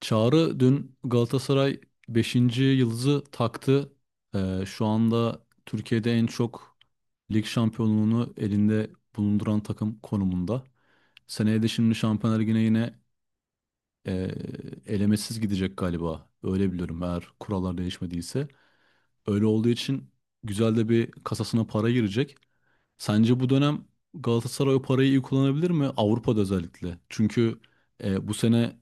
Çağrı dün Galatasaray beşinci yıldızı taktı. Şu anda Türkiye'de en çok lig şampiyonluğunu elinde bulunduran takım konumunda. Seneye de şimdi Şampiyonlar Ligi'ne yine e, elemesiz gidecek galiba. Öyle biliyorum eğer kurallar değişmediyse. Öyle olduğu için güzel de bir kasasına para girecek. Sence bu dönem Galatasaray o parayı iyi kullanabilir mi? Avrupa'da özellikle. Çünkü bu sene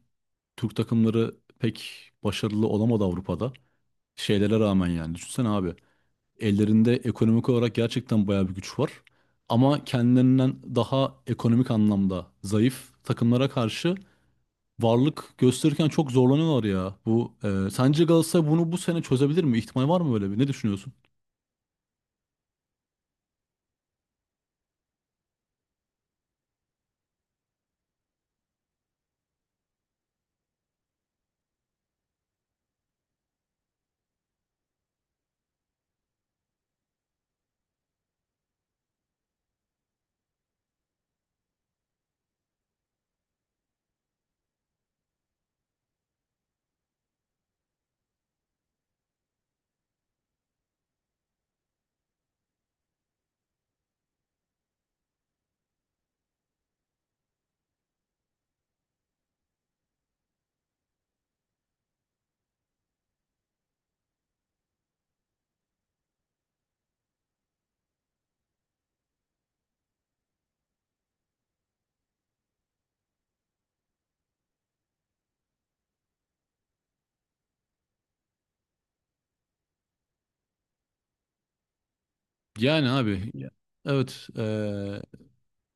Türk takımları pek başarılı olamadı Avrupa'da. Şeylere rağmen yani. Düşünsene abi. Ellerinde ekonomik olarak gerçekten bayağı bir güç var. Ama kendilerinden daha ekonomik anlamda zayıf takımlara karşı varlık gösterirken çok zorlanıyorlar ya. Bu sence Galatasaray bunu bu sene çözebilir mi? İhtimal var mı böyle bir? Ne düşünüyorsun? Yani abi ya, evet,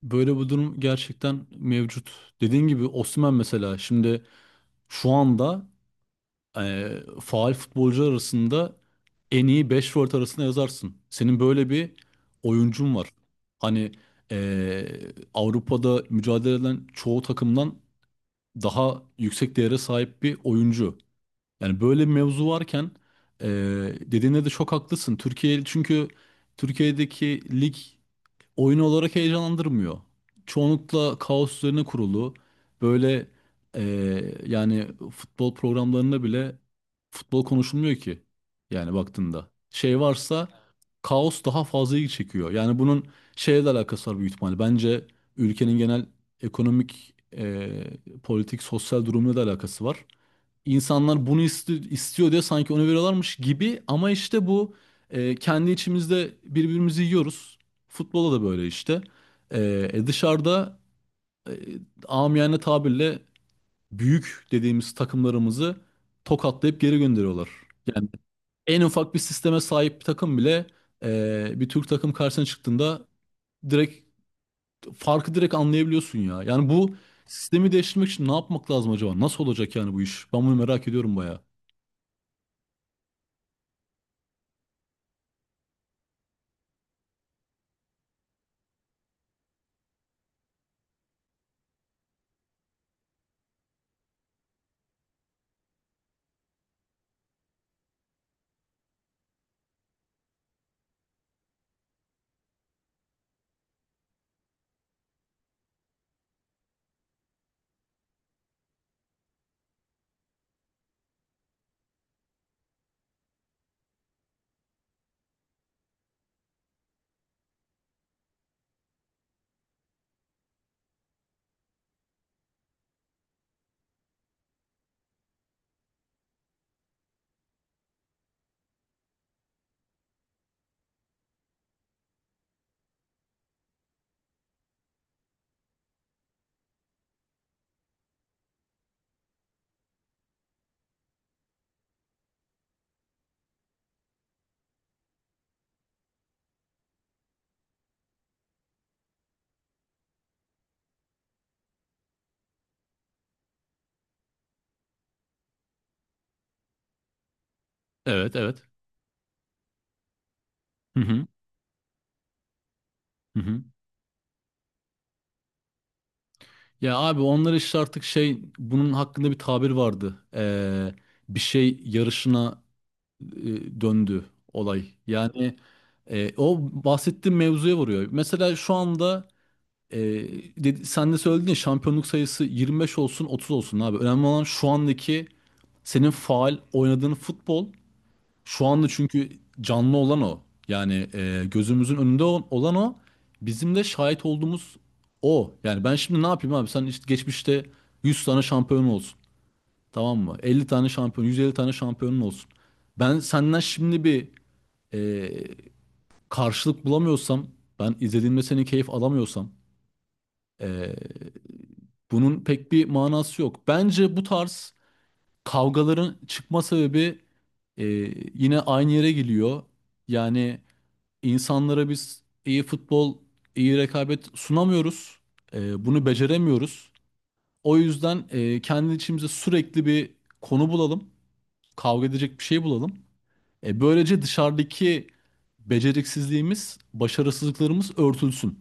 böyle bir durum gerçekten mevcut. Dediğin gibi Osimhen mesela şimdi şu anda faal futbolcular arasında en iyi 5 forvet arasında yazarsın. Senin böyle bir oyuncun var. Hani e, Avrupa'da mücadele eden çoğu takımdan daha yüksek değere sahip bir oyuncu. Yani böyle bir mevzu varken e, dediğine de çok haklısın. Türkiye çünkü Türkiye'deki lig oyun olarak heyecanlandırmıyor. Çoğunlukla kaos üzerine kurulu. Böyle yani futbol programlarında bile futbol konuşulmuyor ki. Yani baktığında. Şey varsa kaos daha fazla ilgi çekiyor. Yani bunun şeyle de alakası var büyük ihtimalle. Bence ülkenin genel ekonomik, politik, sosyal durumuyla da alakası var. İnsanlar bunu istiyor diye sanki onu veriyorlarmış gibi ama işte bu kendi içimizde birbirimizi yiyoruz. Futbola da böyle işte. Dışarıda e, amiyane tabirle büyük dediğimiz takımlarımızı tokatlayıp geri gönderiyorlar. Yani en ufak bir sisteme sahip bir takım bile bir Türk takım karşısına çıktığında direkt farkı direkt anlayabiliyorsun ya. Yani bu sistemi değiştirmek için ne yapmak lazım acaba? Nasıl olacak yani bu iş? Ben bunu merak ediyorum bayağı. Evet, evet. Hı hı, hı hı. Ya abi onlar işte artık şey bunun hakkında bir tabir vardı. Bir şey yarışına döndü olay. Yani o bahsettiğim mevzuya vuruyor. Mesela şu anda e, sen de söyledin ya şampiyonluk sayısı 25 olsun 30 olsun abi. Önemli olan şu andaki senin faal oynadığın futbol. Şu anda çünkü canlı olan o. Yani gözümüzün önünde olan o. Bizim de şahit olduğumuz o. Yani ben şimdi ne yapayım abi? Sen işte geçmişte 100 tane şampiyon olsun. Tamam mı? 50 tane şampiyon, 150 tane şampiyonun olsun. Ben senden şimdi bir e, karşılık bulamıyorsam, ben izlediğimde seni keyif alamıyorsam, e, bunun pek bir manası yok. Bence bu tarz kavgaların çıkma sebebi e, yine aynı yere geliyor. Yani İnsanlara biz iyi futbol, iyi rekabet sunamıyoruz. Bunu beceremiyoruz. O yüzden kendi içimize sürekli bir konu bulalım. Kavga edecek bir şey bulalım. Böylece dışarıdaki beceriksizliğimiz, başarısızlıklarımız örtülsün.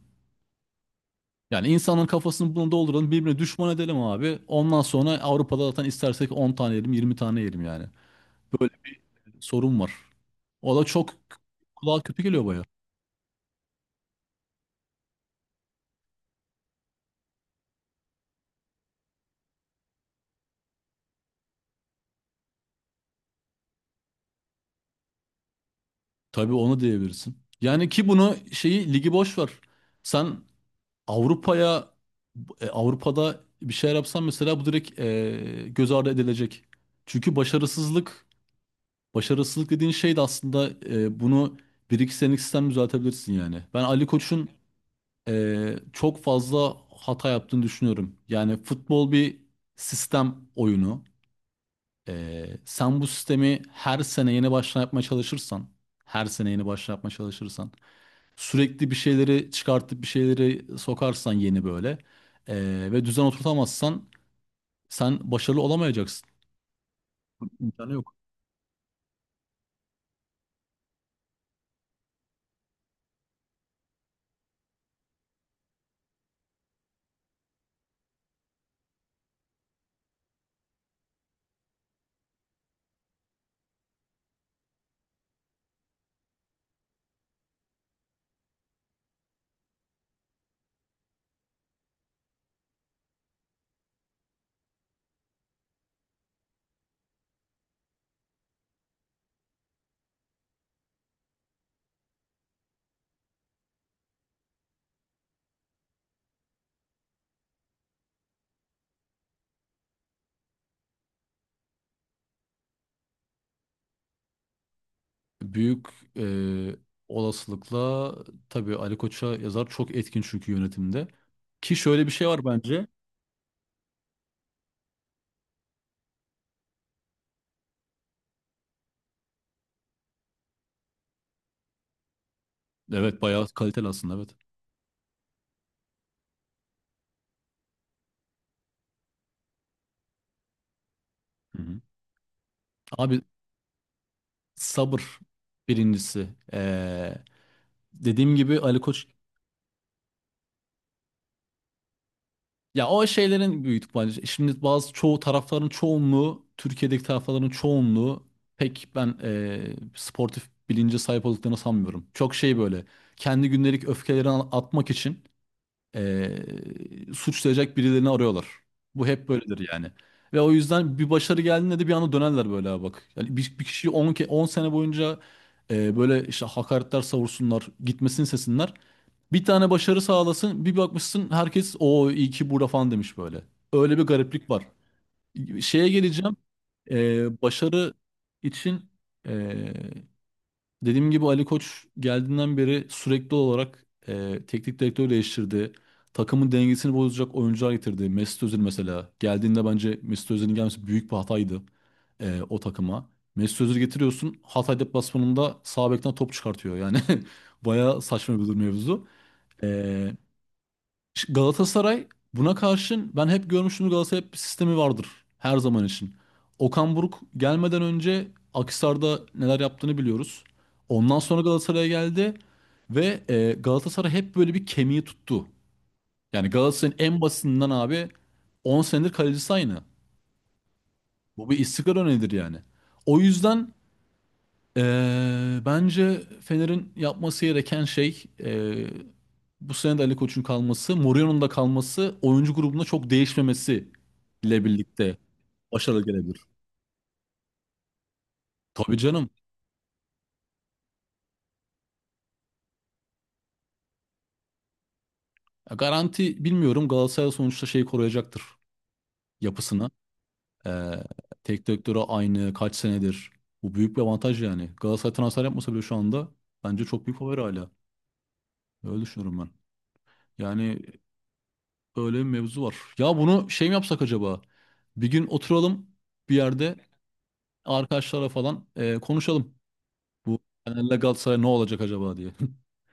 Yani insanın kafasını bunu dolduralım, birbirine düşman edelim abi. Ondan sonra Avrupa'da zaten istersek 10 tane yerim, 20 tane yerim yani. Böyle bir sorun var. O da çok kulağa kötü geliyor baya. Tabii onu diyebilirsin. Yani ki bunu şeyi ligi boş ver. Sen Avrupa'ya Avrupa'da bir şey yapsan mesela bu direkt göz ardı edilecek. Çünkü başarısızlık dediğin şey de aslında bunu bir iki senelik sistem düzeltebilirsin yani. Ben Ali Koç'un çok fazla hata yaptığını düşünüyorum. Yani futbol bir sistem oyunu. Sen bu sistemi her sene yeni baştan yapmaya çalışırsan her sene yeni baştan yapmaya çalışırsan sürekli bir şeyleri çıkartıp bir şeyleri sokarsan yeni böyle ve düzen oturtamazsan sen başarılı olamayacaksın. İmkanı yok. Büyük eee, olasılıkla tabii Ali Koç'a yazar, çok etkin çünkü yönetimde. Ki şöyle bir şey var bence. Evet bayağı kaliteli aslında, evet. Hı hı. Abi, sabır birincisi. Dediğim gibi Ali Koç... Ya o şeylerin büyük bence. Şimdi bazı çoğu tarafların çoğunluğu, Türkiye'deki tarafların çoğunluğu pek ben sportif bilince sahip olduklarını sanmıyorum. Çok şey böyle kendi gündelik öfkelerini atmak için eee, suçlayacak birilerini arıyorlar. Bu hep böyledir yani. Ve o yüzden bir başarı geldiğinde de bir anda dönerler böyle. "Aa bak." Yani bir kişiyi 10 sene boyunca böyle işte hakaretler savursunlar, gitmesini sesinler. Bir tane başarı sağlasın, bir bakmışsın herkes o iyi ki burada falan demiş böyle. Öyle bir gariplik var. Şeye geleceğim. Başarı için ee, dediğim gibi Ali Koç geldiğinden beri sürekli olarak teknik direktör değiştirdi. Takımın dengesini bozacak oyuncular getirdi. Mesut Özil mesela. Geldiğinde bence Mesut Özil'in gelmesi büyük bir hataydı o takıma. Mesut Özil getiriyorsun. Hatay deplasmanında sağ bekten top çıkartıyor. Yani bayağı saçma bir durum mevzu. E, Galatasaray buna karşın ben hep görmüştüm, Galatasaray hep bir sistemi vardır her zaman için. Okan Buruk gelmeden önce Akhisar'da neler yaptığını biliyoruz. Ondan sonra Galatasaray'a geldi ve Galatasaray hep böyle bir kemiği tuttu. Yani Galatasaray'ın en basitinden abi 10 senedir kalecisi aynı. Bu bir istikrar örneğidir yani. O yüzden bence Fener'in yapması gereken şey bu sene de Ali Koç'un kalması, Mourinho'nun da kalması, oyuncu grubunda çok değişmemesi ile birlikte başarılı gelebilir. Tabii canım. Ya garanti bilmiyorum, Galatasaray sonuçta şeyi koruyacaktır, yapısını. Ee, Tek direktörü aynı kaç senedir. Bu büyük bir avantaj yani. Galatasaray transfer yapmasa bile şu anda bence çok büyük favori hala. Öyle düşünüyorum ben. Yani öyle bir mevzu var. Ya bunu şey mi yapsak acaba? Bir gün oturalım bir yerde arkadaşlara falan konuşalım. Bu Fener'le Galatasaray ne olacak acaba diye.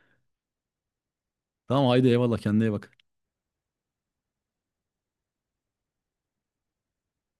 Tamam haydi eyvallah, kendine iyi bak.